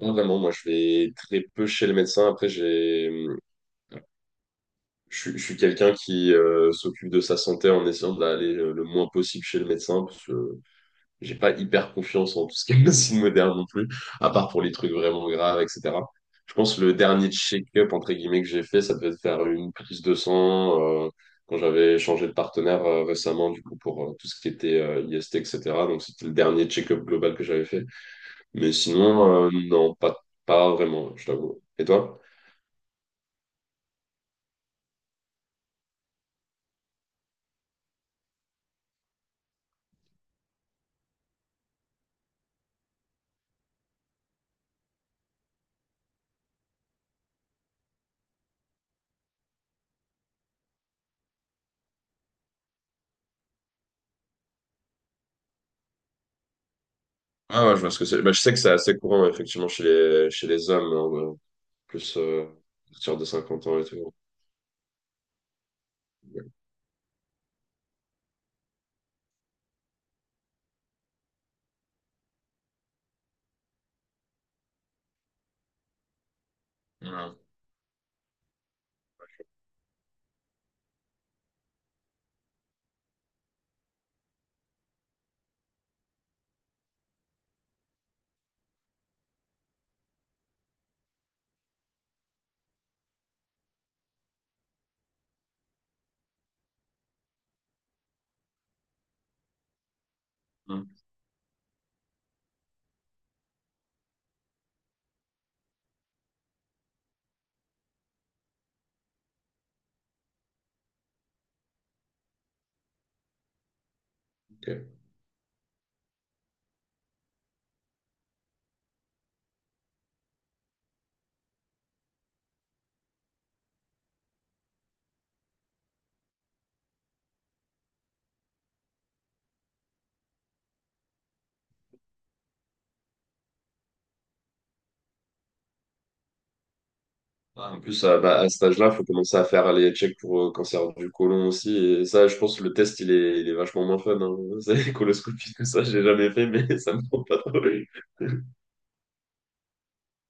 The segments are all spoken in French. Pas vraiment, moi je vais très peu chez le médecin. Après, j'ai, je suis quelqu'un qui s'occupe de sa santé en essayant d'aller le moins possible chez le médecin parce que j'ai pas hyper confiance en tout ce qui est médecine moderne non plus, à part pour les trucs vraiment graves, etc. Je pense que le dernier check-up entre guillemets que j'ai fait, ça devait être faire une prise de sang quand j'avais changé de partenaire récemment du coup pour tout ce qui était IST, etc. Donc c'était le dernier check-up global que j'avais fait. Mais sinon, non, pas vraiment, je t'avoue. Et toi? Ah ouais, je vois ce que c'est. Bah, je sais que c'est assez courant, effectivement, chez les hommes, hein, plus, à partir de 50 ans et tout. Ouais. Ouais. Ok. Ah, en plus, bah, à cet âge-là, il faut commencer à faire les checks pour cancer du côlon aussi. Et ça, je pense que le test, il est vachement moins fun. Hein. C'est les coloscopies, tout ça, j'ai jamais fait, mais ça me prend pas trop.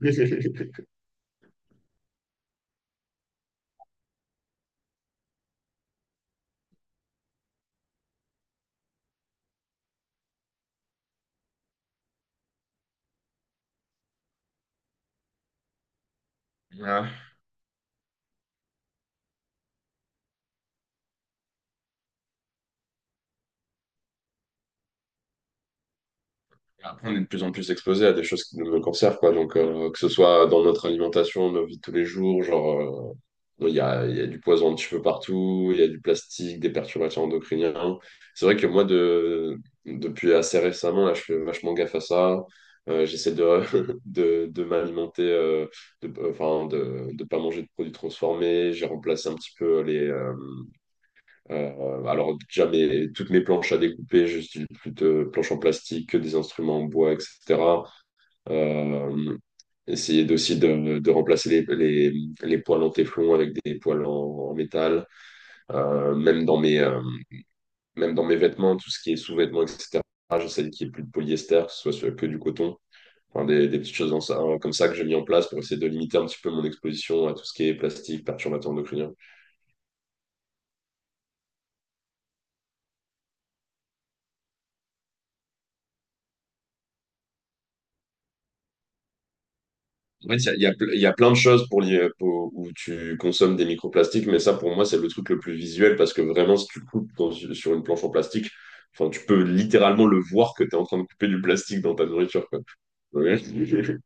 Ouais. Après, on est de plus en plus exposé à des choses qui nous conservent, quoi. Donc, que ce soit dans notre alimentation, nos vies de tous les jours, genre. Il y a du poison un petit peu partout, il y a du plastique, des perturbateurs endocriniens. C'est vrai que moi, depuis assez récemment, là, je fais vachement gaffe à ça. J'essaie de m'alimenter, enfin, de ne pas manger de produits transformés. J'ai remplacé un petit peu les. Alors, déjà, toutes mes planches à découper, j'utilise plus de planches en plastique que des instruments en bois, etc. Euh, essayer aussi de remplacer les poils en téflon avec des poils en métal. Même dans mes, vêtements, tout ce qui est sous-vêtements, etc. J'essaie qu'il n'y ait plus de polyester, que ce soit que du coton. Enfin, des petites choses hein, comme ça que j'ai mis en place pour essayer de limiter un petit peu mon exposition à tout ce qui est plastique, perturbateur endocrinien. En fait, il y a ple- il y a plein de choses où tu consommes des microplastiques, mais ça, pour moi, c'est le truc le plus visuel parce que vraiment, si tu coupes sur une planche en plastique, enfin, tu peux littéralement le voir que tu es en train de couper du plastique dans ta nourriture, quoi. Ouais.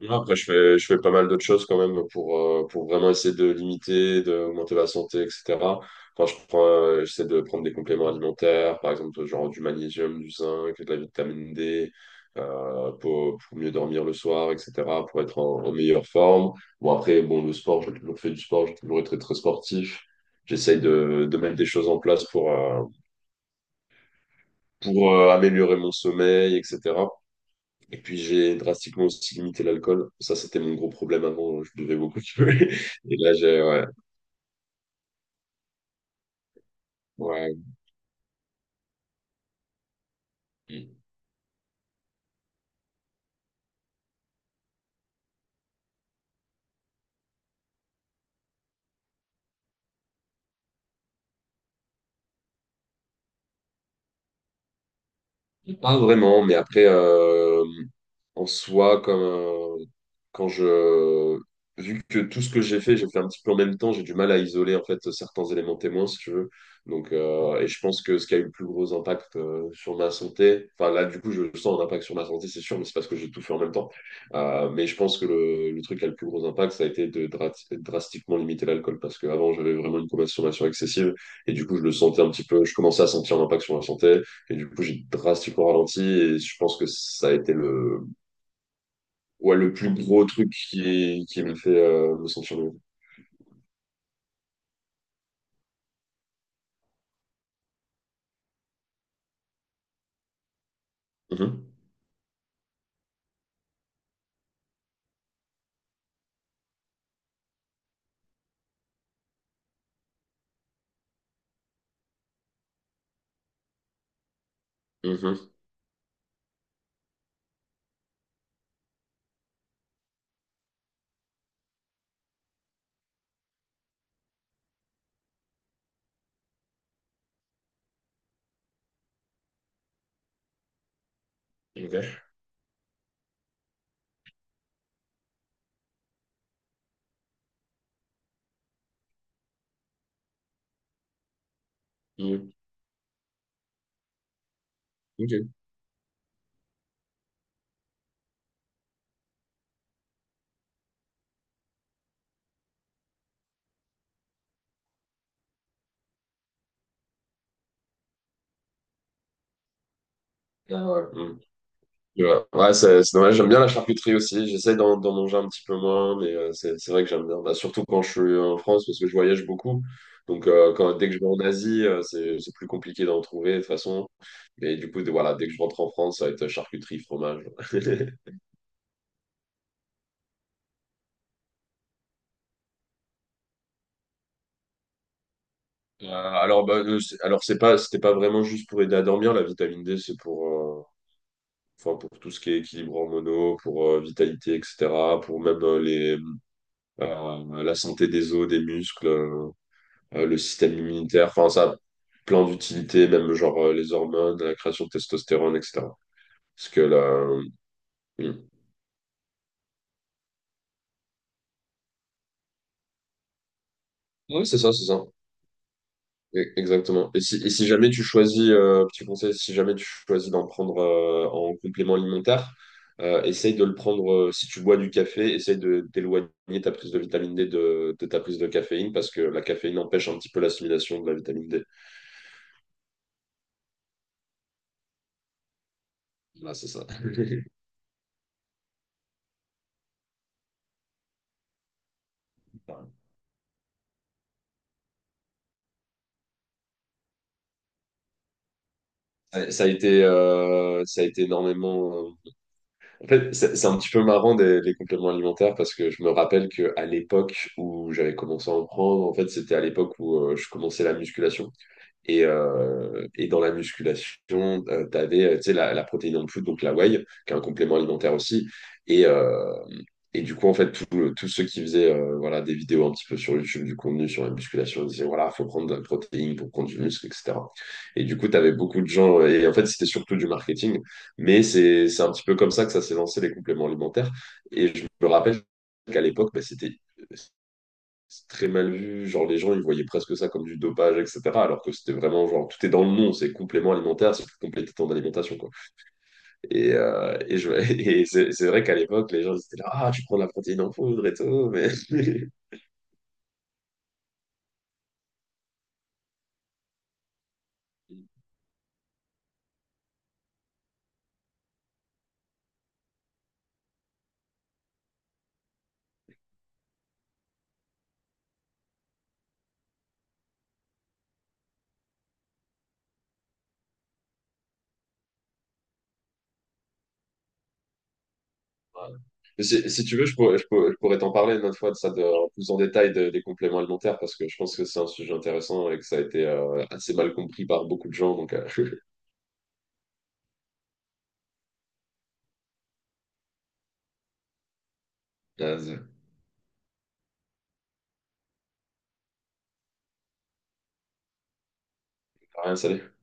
Non, après, je fais pas mal d'autres choses quand même pour vraiment essayer de limiter, d'augmenter ma santé, etc. J'essaie de prendre des compléments alimentaires, par exemple, genre du magnésium, du zinc, de la vitamine D, pour mieux dormir le soir, etc., pour être en meilleure forme. Bon, après, bon, le sport, j'ai toujours fait du sport, j'ai toujours été très, très sportif. J'essaye de mettre des choses en place pour améliorer mon sommeil, etc. Et puis j'ai drastiquement aussi limité l'alcool. Ça, c'était mon gros problème avant. Je buvais beaucoup. Et là, j'ai. Ouais. Ouais. Pas vraiment, mais après, en soi, comme, quand je... vu que tout ce que j'ai fait un petit peu en même temps, j'ai du mal à isoler en fait certains éléments témoins, si tu veux. Donc, et je pense que ce qui a eu le plus gros impact sur ma santé, enfin là, du coup, je sens un impact sur ma santé, c'est sûr, mais c'est parce que j'ai tout fait en même temps. Mais je pense que le truc qui a le plus gros impact, ça a été de drastiquement limiter l'alcool, parce qu'avant, j'avais vraiment une consommation excessive, et du coup, je le sentais un petit peu, je commençais à sentir l'impact sur ma santé. Et du coup, j'ai drastiquement ralenti et je pense que ça a été le, ouais, le plus gros truc qui me fait me sentir mieux. Mhm. Mhm. Ok. Mhm. Ok. Ah ouais. Mhm. Ouais, ouais, c'est dommage. J'aime bien la charcuterie aussi. J'essaie d'en manger un petit peu moins, mais c'est vrai que j'aime bien. Bah, surtout quand je suis en France, parce que je voyage beaucoup. Donc, dès que je vais en Asie, c'est plus compliqué d'en trouver de toute façon. Mais du coup, voilà, dès que je rentre en France, ça va être charcuterie, fromage. Alors, bah, c'était pas vraiment juste pour aider à dormir. La vitamine D, c'est enfin, pour tout ce qui est équilibre hormonaux, pour vitalité, etc. Pour même la santé des os, des muscles, le système immunitaire. Enfin, ça a plein d'utilités, même genre les hormones, la création de testostérone, etc. Parce que là, oui, c'est ça, c'est ça. Exactement. Et si jamais tu choisis, petit conseil, si jamais tu choisis d'en prendre en complément alimentaire, essaye de le prendre, si tu bois du café, essaye de d'éloigner ta prise de vitamine D de ta prise de caféine parce que la caféine empêche un petit peu l'assimilation de la vitamine D. Voilà, c'est ça. Ça a été énormément. En fait, c'est un petit peu marrant les compléments alimentaires parce que je me rappelle que à l'époque où j'avais commencé à en prendre, en fait, c'était à l'époque où je commençais la musculation. Et dans la musculation, tu sais, la protéine en plus donc la whey, qui est un complément alimentaire aussi. Et, euh, et du coup, en fait, tous ceux qui faisaient voilà, des vidéos un petit peu sur YouTube, du contenu sur la musculation, ils disaient, voilà, il faut prendre de la protéine pour prendre du muscle, etc. Et du coup, tu avais beaucoup de gens, et en fait, c'était surtout du marketing, mais c'est un petit peu comme ça que ça s'est lancé, les compléments alimentaires. Et je me rappelle qu'à l'époque, bah, c'est très mal vu, genre les gens ils voyaient presque ça comme du dopage, etc. Alors que c'était vraiment genre tout est dans le nom, c'est complément alimentaire, c'est plus compléter ton quoi. Et, euh, et, je- et c'est vrai qu'à l'époque les gens ils étaient là, ah tu prends de la protéine en poudre et tout, mais Voilà. Mais si tu veux, je pourrais t'en parler une autre fois de ça, en plus en détail des compléments alimentaires, parce que je pense que c'est un sujet intéressant et que ça a été assez mal compris par beaucoup de gens. Donc, euh, rien, salut.